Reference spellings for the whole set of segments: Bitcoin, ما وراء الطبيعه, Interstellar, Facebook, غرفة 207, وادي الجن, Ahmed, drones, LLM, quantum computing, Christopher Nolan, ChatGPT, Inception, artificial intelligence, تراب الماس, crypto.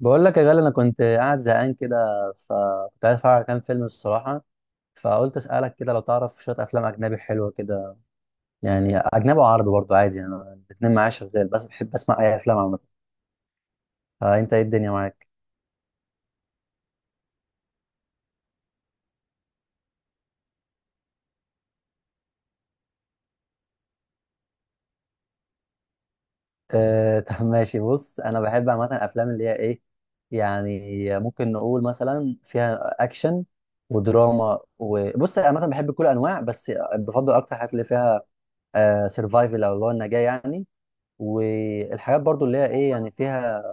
بقول لك يا غالي، انا كنت قاعد زهقان كده. فكنت عايز اتفرج على كام فيلم الصراحه، فقلت اسالك كده لو تعرف شويه افلام اجنبي حلوه كده. يعني اجنبي وعربي برضه عادي، يعني أنا الاتنين معايا شغال، بس بحب اسمع اي افلام عامه. فانت ايه الدنيا معاك؟ أه طب ماشي، بص انا بحب عامه الافلام اللي هي ايه، يعني ممكن نقول مثلا فيها اكشن ودراما. وبص انا عامه بحب كل انواع، بس بفضل اكتر الحاجات اللي فيها سرفايفل، او اللي هو النجاه يعني. والحاجات برضو اللي هي ايه، يعني فيها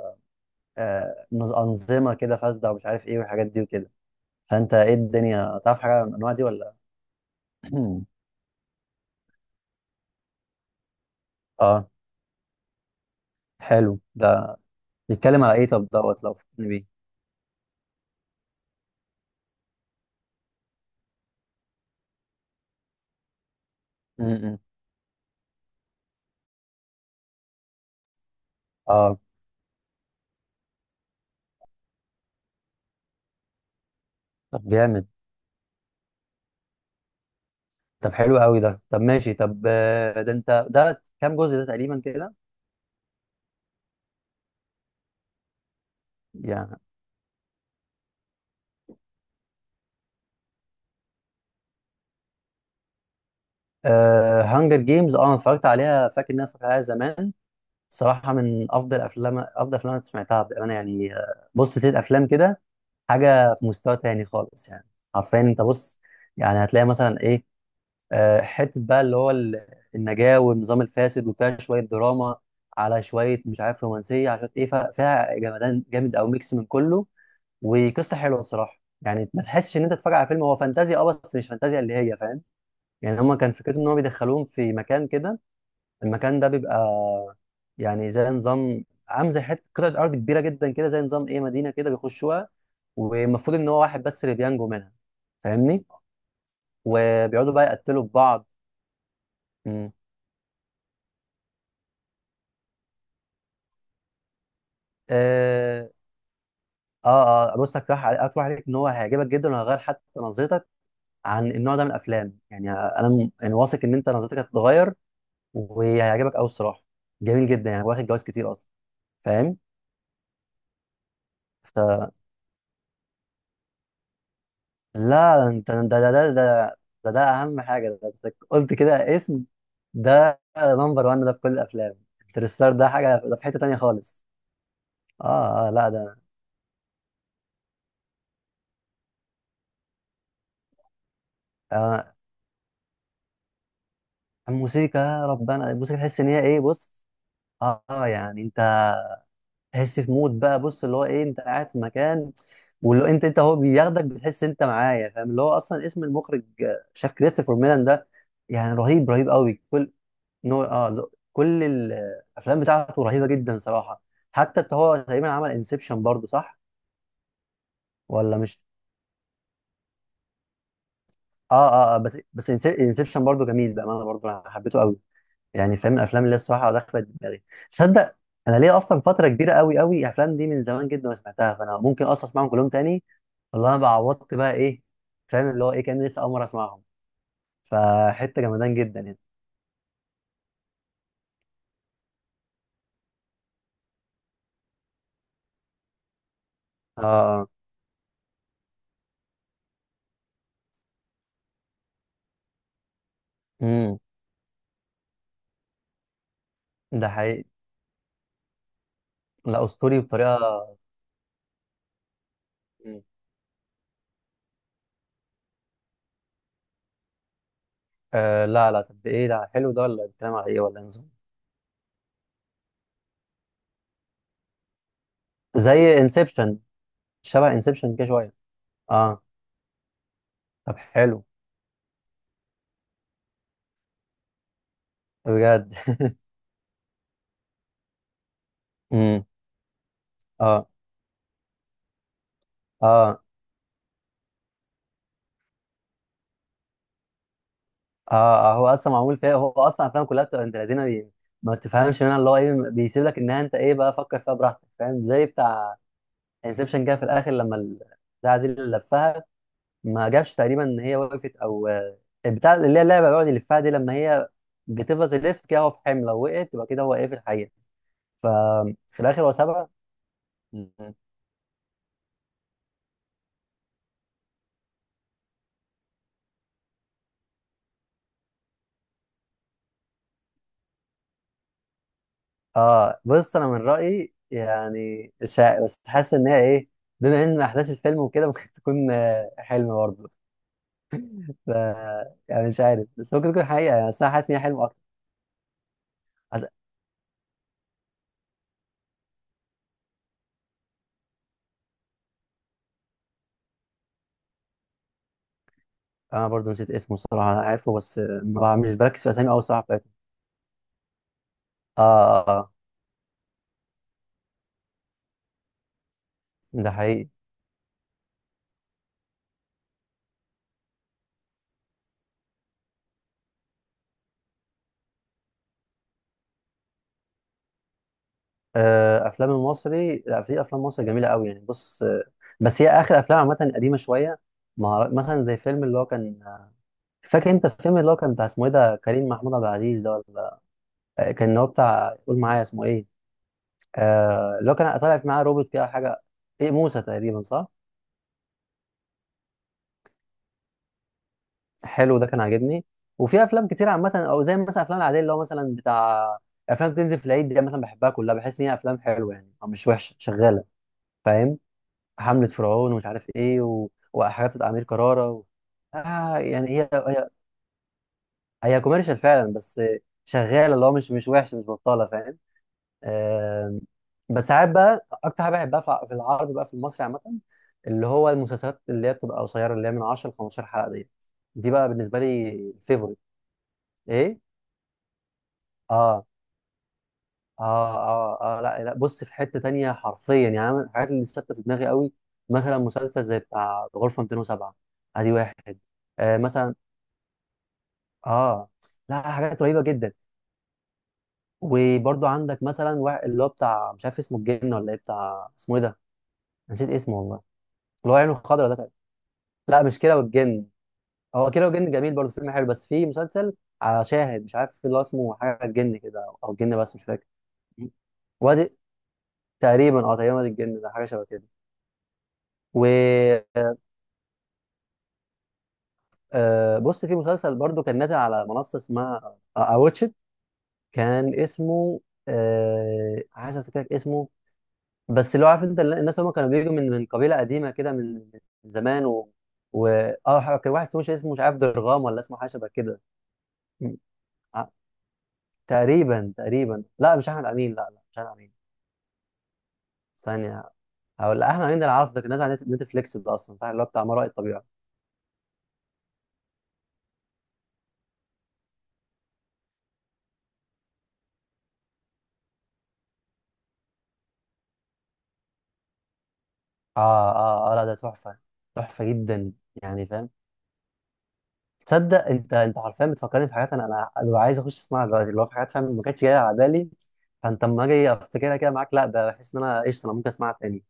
انظمه كده فاسده ومش عارف ايه، والحاجات دي وكده. فانت ايه الدنيا، تعرف حاجه عن الانواع دي ولا؟ اه، حلو ده. بيتكلم على ايه؟ طب دوت لو فكرني بيه. م-م. اه طب جامد. طب حلو قوي ده، طب ماشي، طب آه، ده انت ده كام جزء ده تقريبا كده؟ يعني آه هانجر جيمز، اه انا اتفرجت عليها، فاكر ان انا اتفرجت عليها زمان. صراحه من افضل افلام، افضل افلام انا سمعتها بامانه يعني. بص 6 افلام كده، حاجه في مستوى تاني خالص يعني. حرفيا انت بص، يعني هتلاقي مثلا ايه، حته بقى اللي هو النجاه والنظام الفاسد، وفيها شويه دراما، على شويه مش عارف رومانسيه، عشان ايه فيها جمدان جامد، او ميكس من كله. وقصه حلوه الصراحه، يعني ما تحسش ان انت تتفرج على فيلم. هو فانتازيا اه، بس مش فانتازيا اللي هي، فاهم؟ يعني هما كان فكرته ان هو بيدخلوهم في مكان كده. المكان ده بيبقى يعني زي نظام، عامل زي حته قطعه ارض كبيره جدا كده، زي نظام ايه، مدينه كده بيخشوها. والمفروض ان هو واحد بس اللي بينجو منها، فاهمني؟ وبيقعدوا بقى يقتلوا في بعض. مم. اه اه، بص هقترح عليك، هقترح عليك ان هو هيعجبك جدا، وهيغير حتى نظرتك عن النوع ده من الافلام. يعني انا يعني واثق ان انت نظرتك هتتغير وهيعجبك قوي الصراحه. جميل جدا يعني، واخد جوايز كتير اصلا، فاهم؟ لا انت ده, اهم حاجه، ده أنت قلت كده اسم. ده نمبر 1 ده في كل الافلام. انترستار ده حاجه، ده في حته تانية خالص. اه اه لا ده آه، الموسيقى، يا ربنا الموسيقى، تحس ان هي ايه، بص. اه يعني انت تحس في مود بقى. بص اللي هو ايه، انت قاعد في مكان، واللي هو انت هو بياخدك، بتحس انت معايا، فاهم؟ اللي هو اصلا اسم المخرج شاف كريستوفر ميلان ده، يعني رهيب، رهيب قوي، كل كل الافلام بتاعته رهيبه جدا صراحه. حتى إنت هو تقريبا عمل انسبشن برضو، صح ولا مش؟ اه اه، بس انسبشن برضو جميل بامانه، برضو انا حبيته قوي يعني، فاهم؟ الافلام اللي الصراحه دخلت دماغي، تصدق انا ليه اصلا فتره كبيره قوي قوي، الافلام دي من زمان جدا ما سمعتها، فانا ممكن اصلا اسمعهم كلهم تاني. والله انا بقى عوضت بقى ايه، فاهم؟ اللي هو ايه، كان لسه اول مره اسمعهم، فحته جمدان جدا يعني. اه امم، ده حقيقي. لا اسطوري بطريقه. آه لا لا، طب ايه ده، حلو ده ولا بيتكلم على ايه؟ ولا إيه نظام؟ زي انسبشن؟ شبه انسبشن كده شويه؟ اه طب حلو، بجد. امم. اه اه اه هو اصلا معمول فيها، هو اصلا افلام كلها بتبقى انت لذينه بي... ما تفهمش منها اللي هو ايه، بيسيب لك انها انت ايه بقى، فكر فيها براحتك، فاهم؟ زي بتاع انسبشن كده في الاخر، لما بتاع دي اللي لفها، ما جابش تقريبا ان هي وقفت او البتاع اللي هي اللعبه بيقعد يلفها دي، لما هي بتفضل تلف كده، هو في حمل لو وقعت تبقى كده هو ايه في الحقيقه. ففي الاخر هو سابها. مم. اه بص انا من رايي يعني، شا... بس حاسس ان هي ايه، بما ان احداث الفيلم وكده ممكن تكون حلم برضه، ف... يعني مش عارف، بس ممكن تكون حقيقه يعني، بس انا حاسس ان هي حلم اكتر. هت- انا برضه نسيت اسمه صراحه، انا عارفه بس آه، ما بع- مش بركز في اسامي قوي صراحه بتاعتهم. اه اه ده حقيقي. آه افلام المصري، لا في افلام مصري جميله قوي يعني. بص بس هي اخر افلام عامه قديمه شويه. ما أعرف- مثلا زي فيلم اللي هو كان، فاكر انت الفيلم اللي هو كان بتاع اسمه ايه ده، كريم محمود عبد العزيز ده، كان هو بتاع، قول معايا اسمه ايه، آه اللي هو كان طالع في معاه روبوت كده حاجه، ايه موسى تقريبا صح؟ حلو ده كان عاجبني. وفي افلام كتير عامه، او زي مثلا افلام العاديه اللي هو مثلا بتاع افلام بتنزل في العيد دي، مثلا بحبها كلها، بحس ان هي افلام حلوه يعني، او مش وحشه، شغاله، فاهم؟ حمله فرعون ومش عارف ايه و... وحاجات بتاع امير كرارة و... آه يعني هي كوميرشال فعلا، بس شغاله، اللي هو مش وحشه، مش بطاله، فاهم؟ آم، بس ساعات بقى اكتر حاجه بحبها في العربي بقى، في المصري عامه، اللي هو المسلسلات اللي هي بتبقى قصيره، اللي هي من 10 ل 15 حلقه ديت. دي بقى بالنسبه لي فيفوريت. ايه؟ اه اه اه لا لا، بص في حته تانية حرفيا يعني. أنا من الحاجات اللي ثابته في دماغي قوي، مثلا مسلسل زي بتاع غرفه 207، ادي واحد. آه مثلا اه، لا حاجات رهيبه جدا. وبرضو عندك مثلا واحد اللي هو بتاع مش عارف اسمه الجن ولا ايه، بتاع اسمه ايه ده، نسيت اسمه والله، اللي هو عينه خضرا ده. لا مش كده والجن، هو كده والجن جميل برضه، فيلم حلو، بس في مسلسل على شاهد مش عارف اللي هو اسمه حاجه الجن كده، او أو الجن، بس مش فاكر. وادي تقريبا، اه تقريبا وادي الجن ده، حاجه شبه كده. و بص في مسلسل برضو كان نازل على منصه اسمها اواتشت، كان اسمه عايز افتكر اسمه، بس اللي هو عارف انت، الناس هم كانوا بيجوا من قبيله قديمه كده، من من زمان و و اه كان واحد فيهم مش اسمه مش عارف درغام، ولا اسمه حاجه شبه كده. تقريبا تقريبا، لا مش احمد امين، لا لا مش احمد امين. ثانيه، هقول لا احمد امين ده العرض ده، كان نازل على نتفليكس ده اصلا، فاهم اللي هو بتاع ما وراء الطبيعه. اه اه اه لا ده تحفه، تحفه جدا يعني فاهم. تصدق انت، حرفيا بتفكرني في حاجات، انا ببقى عايز اخش اسمعها دلوقتي، اللي هو في حاجات فاهم ما كانتش جايه على بالي، فانت اما اجي افتكرها كده معاك، لا بحس ان انا قشطه، انا ممكن اسمعها تاني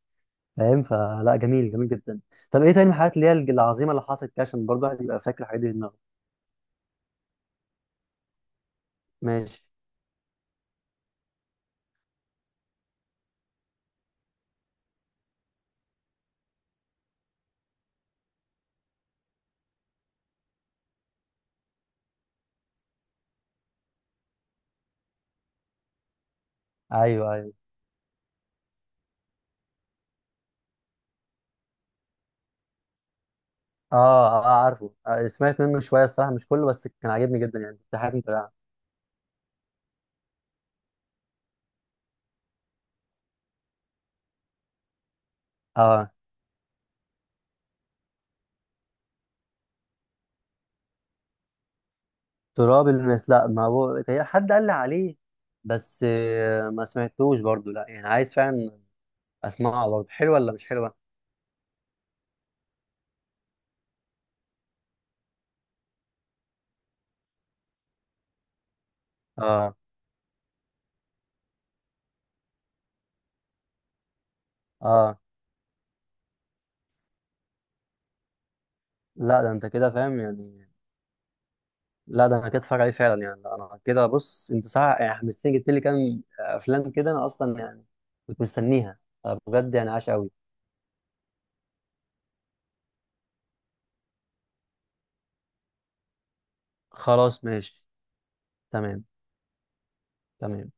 فاهم. فلا جميل، جميل جدا. طب ايه تاني من الحاجات اللي هي العظيمه اللي حصلت كده، عشان برضه الواحد يبقى فاكر الحاجات دي في دماغه. ماشي. ايوه، أيوه. اه اه عارفه، سمعت منه شويه الصراحه مش كله، بس كان عاجبني جدا يعني، كنت حابب متابعه. اه تراب الماس، لا ما هو تقريباً حد قال لي عليه، بس ما سمعتوش برضو لا، يعني عايز فعلا اسمعه برضو. حلوه ولا مش حلوه؟ اه اه لا ده انت كده فاهم يعني، لا ده انا كده اتفرج عليه فعلا يعني، انا كده. بص انت صح يعني، حمستني، جبت لي كام افلام كده، انا اصلا يعني كنت مستنيها. بجد يعني عاش قوي. خلاص ماشي، تمام. تمام.